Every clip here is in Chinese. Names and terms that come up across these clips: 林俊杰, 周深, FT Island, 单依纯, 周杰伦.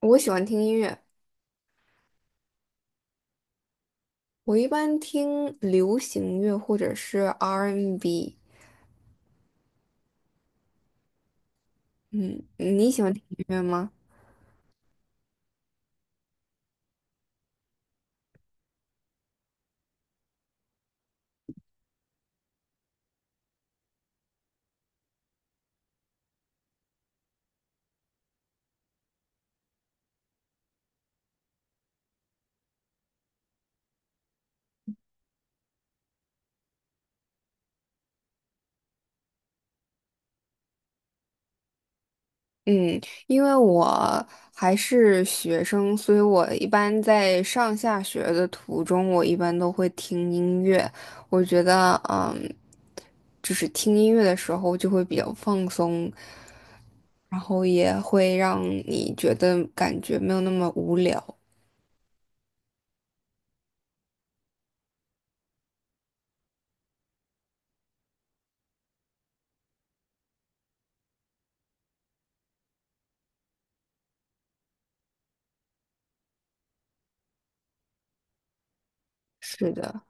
我喜欢听音乐，我一般听流行乐或者是 R&B。嗯，你喜欢听音乐吗？嗯，因为我还是学生，所以我一般在上下学的途中，我一般都会听音乐。我觉得，就是听音乐的时候就会比较放松，然后也会让你觉得感觉没有那么无聊。是的，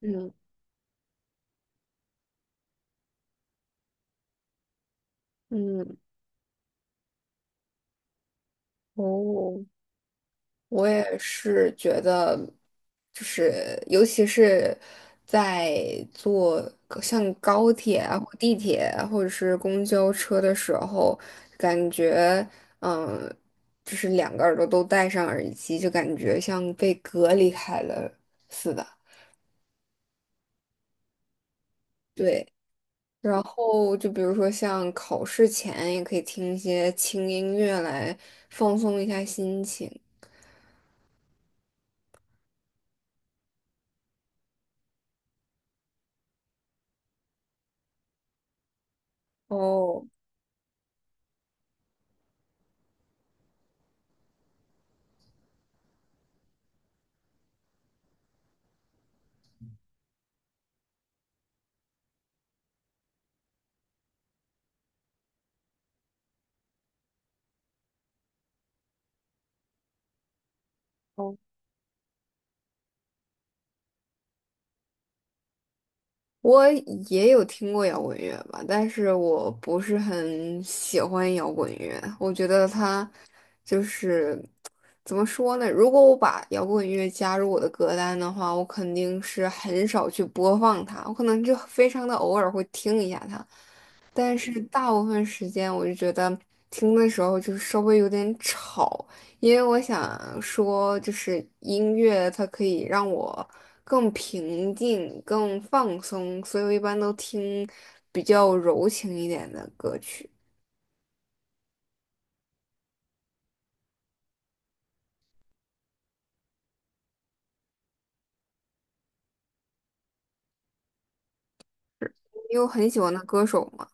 嗯。嗯嗯，哦，我也是觉得，就是尤其是在坐像高铁啊、或地铁啊或者是公交车的时候，感觉嗯，就是两个耳朵都戴上耳机，就感觉像被隔离开了似的。对，然后就比如说像考试前也可以听一些轻音乐来放松一下心情。哦哦，我也有听过摇滚乐吧，但是我不是很喜欢摇滚乐。我觉得它就是怎么说呢？如果我把摇滚乐加入我的歌单的话，我肯定是很少去播放它，我可能就非常的偶尔会听一下它，但是大部分时间我就觉得听的时候就稍微有点吵，因为我想说，就是音乐它可以让我更平静、更放松，所以我一般都听比较柔情一点的歌曲。你有很喜欢的歌手吗？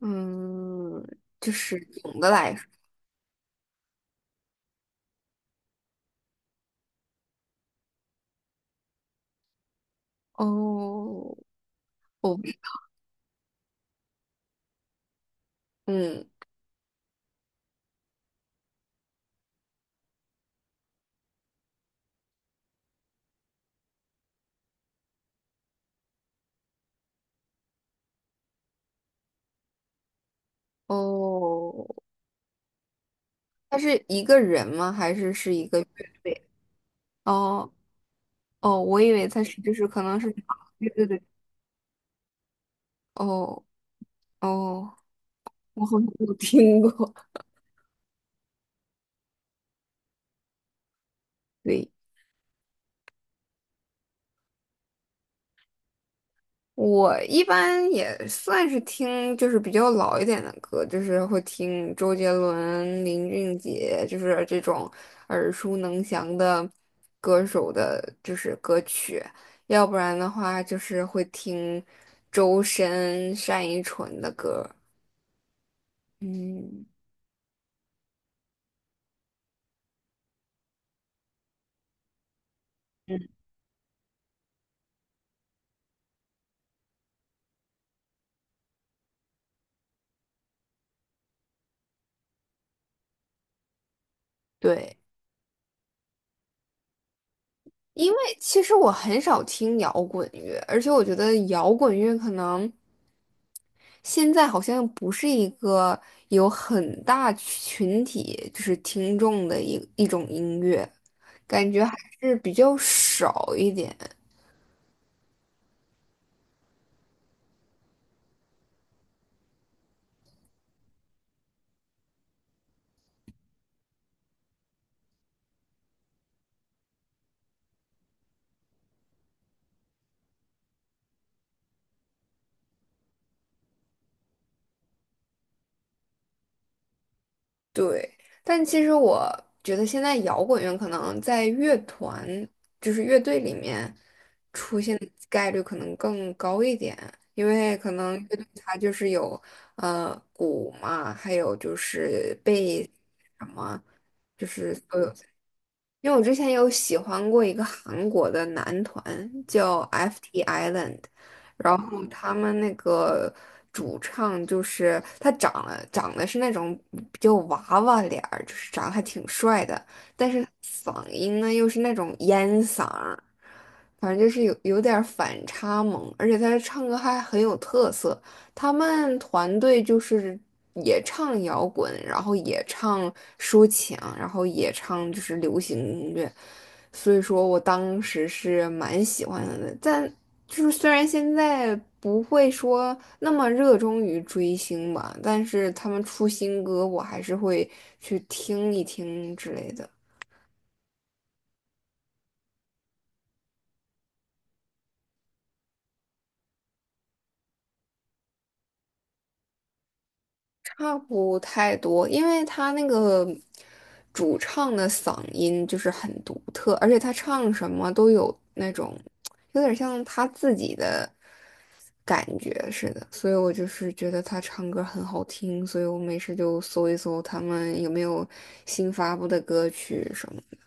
嗯，就是总的来说，哦，哦嗯，哦，他是一个人吗？还是是一个乐队？哦哦，我以为他是就是可能是，对对对，哦哦，我好像没有听过。对。我一般也算是听，就是比较老一点的歌，就是会听周杰伦、林俊杰，就是这种耳熟能详的歌手的，就是歌曲。要不然的话，就是会听周深、单依纯的歌。嗯，对，因为其实我很少听摇滚乐，而且我觉得摇滚乐可能。现在好像不是一个有很大群体就是听众的一种音乐，感觉还是比较少一点。对，但其实我觉得现在摇滚乐可能在乐团，就是乐队里面出现的概率可能更高一点，因为可能乐队它就是有鼓嘛，还有就是贝斯什么。就是所有。因为我之前有喜欢过一个韩国的男团，叫 FT Island，然后他们那个主唱就是他长得是那种比较娃娃脸儿，就是长得还挺帅的，但是嗓音呢又是那种烟嗓儿，反正就是有点儿反差萌，而且他唱歌还很有特色。他们团队就是也唱摇滚，然后也唱抒情，然后也唱就是流行音乐，所以说我当时是蛮喜欢的。但就是虽然现在不会说那么热衷于追星吧，但是他们出新歌，我还是会去听一听之类的。差不太多，因为他那个主唱的嗓音就是很独特，而且他唱什么都有那种有点像他自己的感觉似的，所以我就是觉得他唱歌很好听，所以我没事就搜一搜他们有没有新发布的歌曲什么的。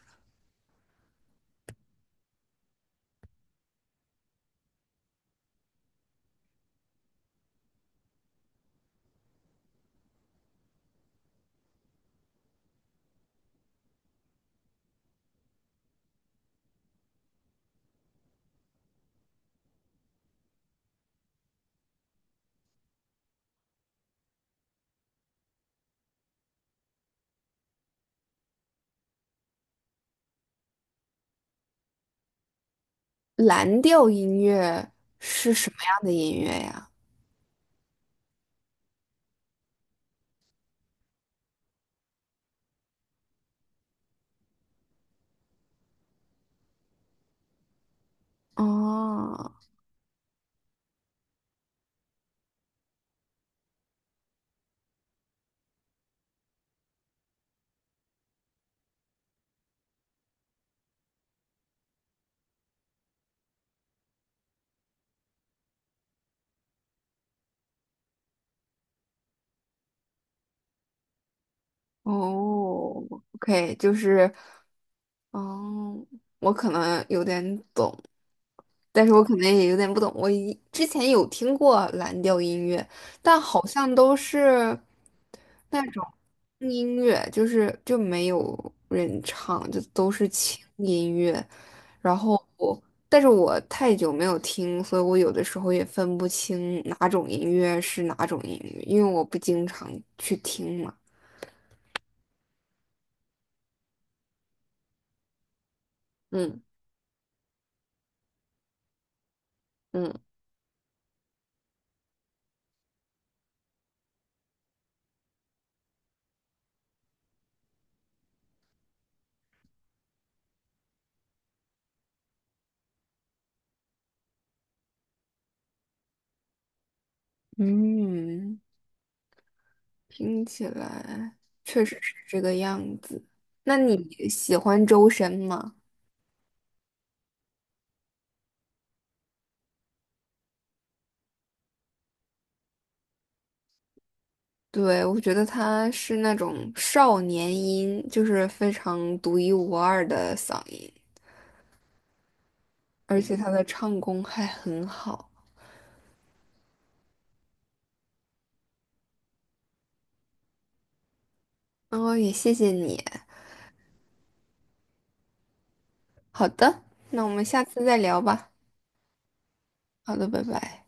蓝调音乐是什么样的音乐呀？哦哦，OK，就是。哦，我可能有点懂，但是我可能也有点不懂。我之前有听过蓝调音乐，但好像都是那种轻音乐，就是就没有人唱，就都是轻音乐。然后我，但是我太久没有听，所以我有的时候也分不清哪种音乐是哪种音乐，因为我不经常去听嘛。嗯嗯。嗯听起来确实是这个样子。那你喜欢周深吗？对，我觉得他是那种少年音，就是非常独一无二的嗓音，而且他的唱功还很好。然后也谢谢你。好的，那我们下次再聊吧。好的，拜拜。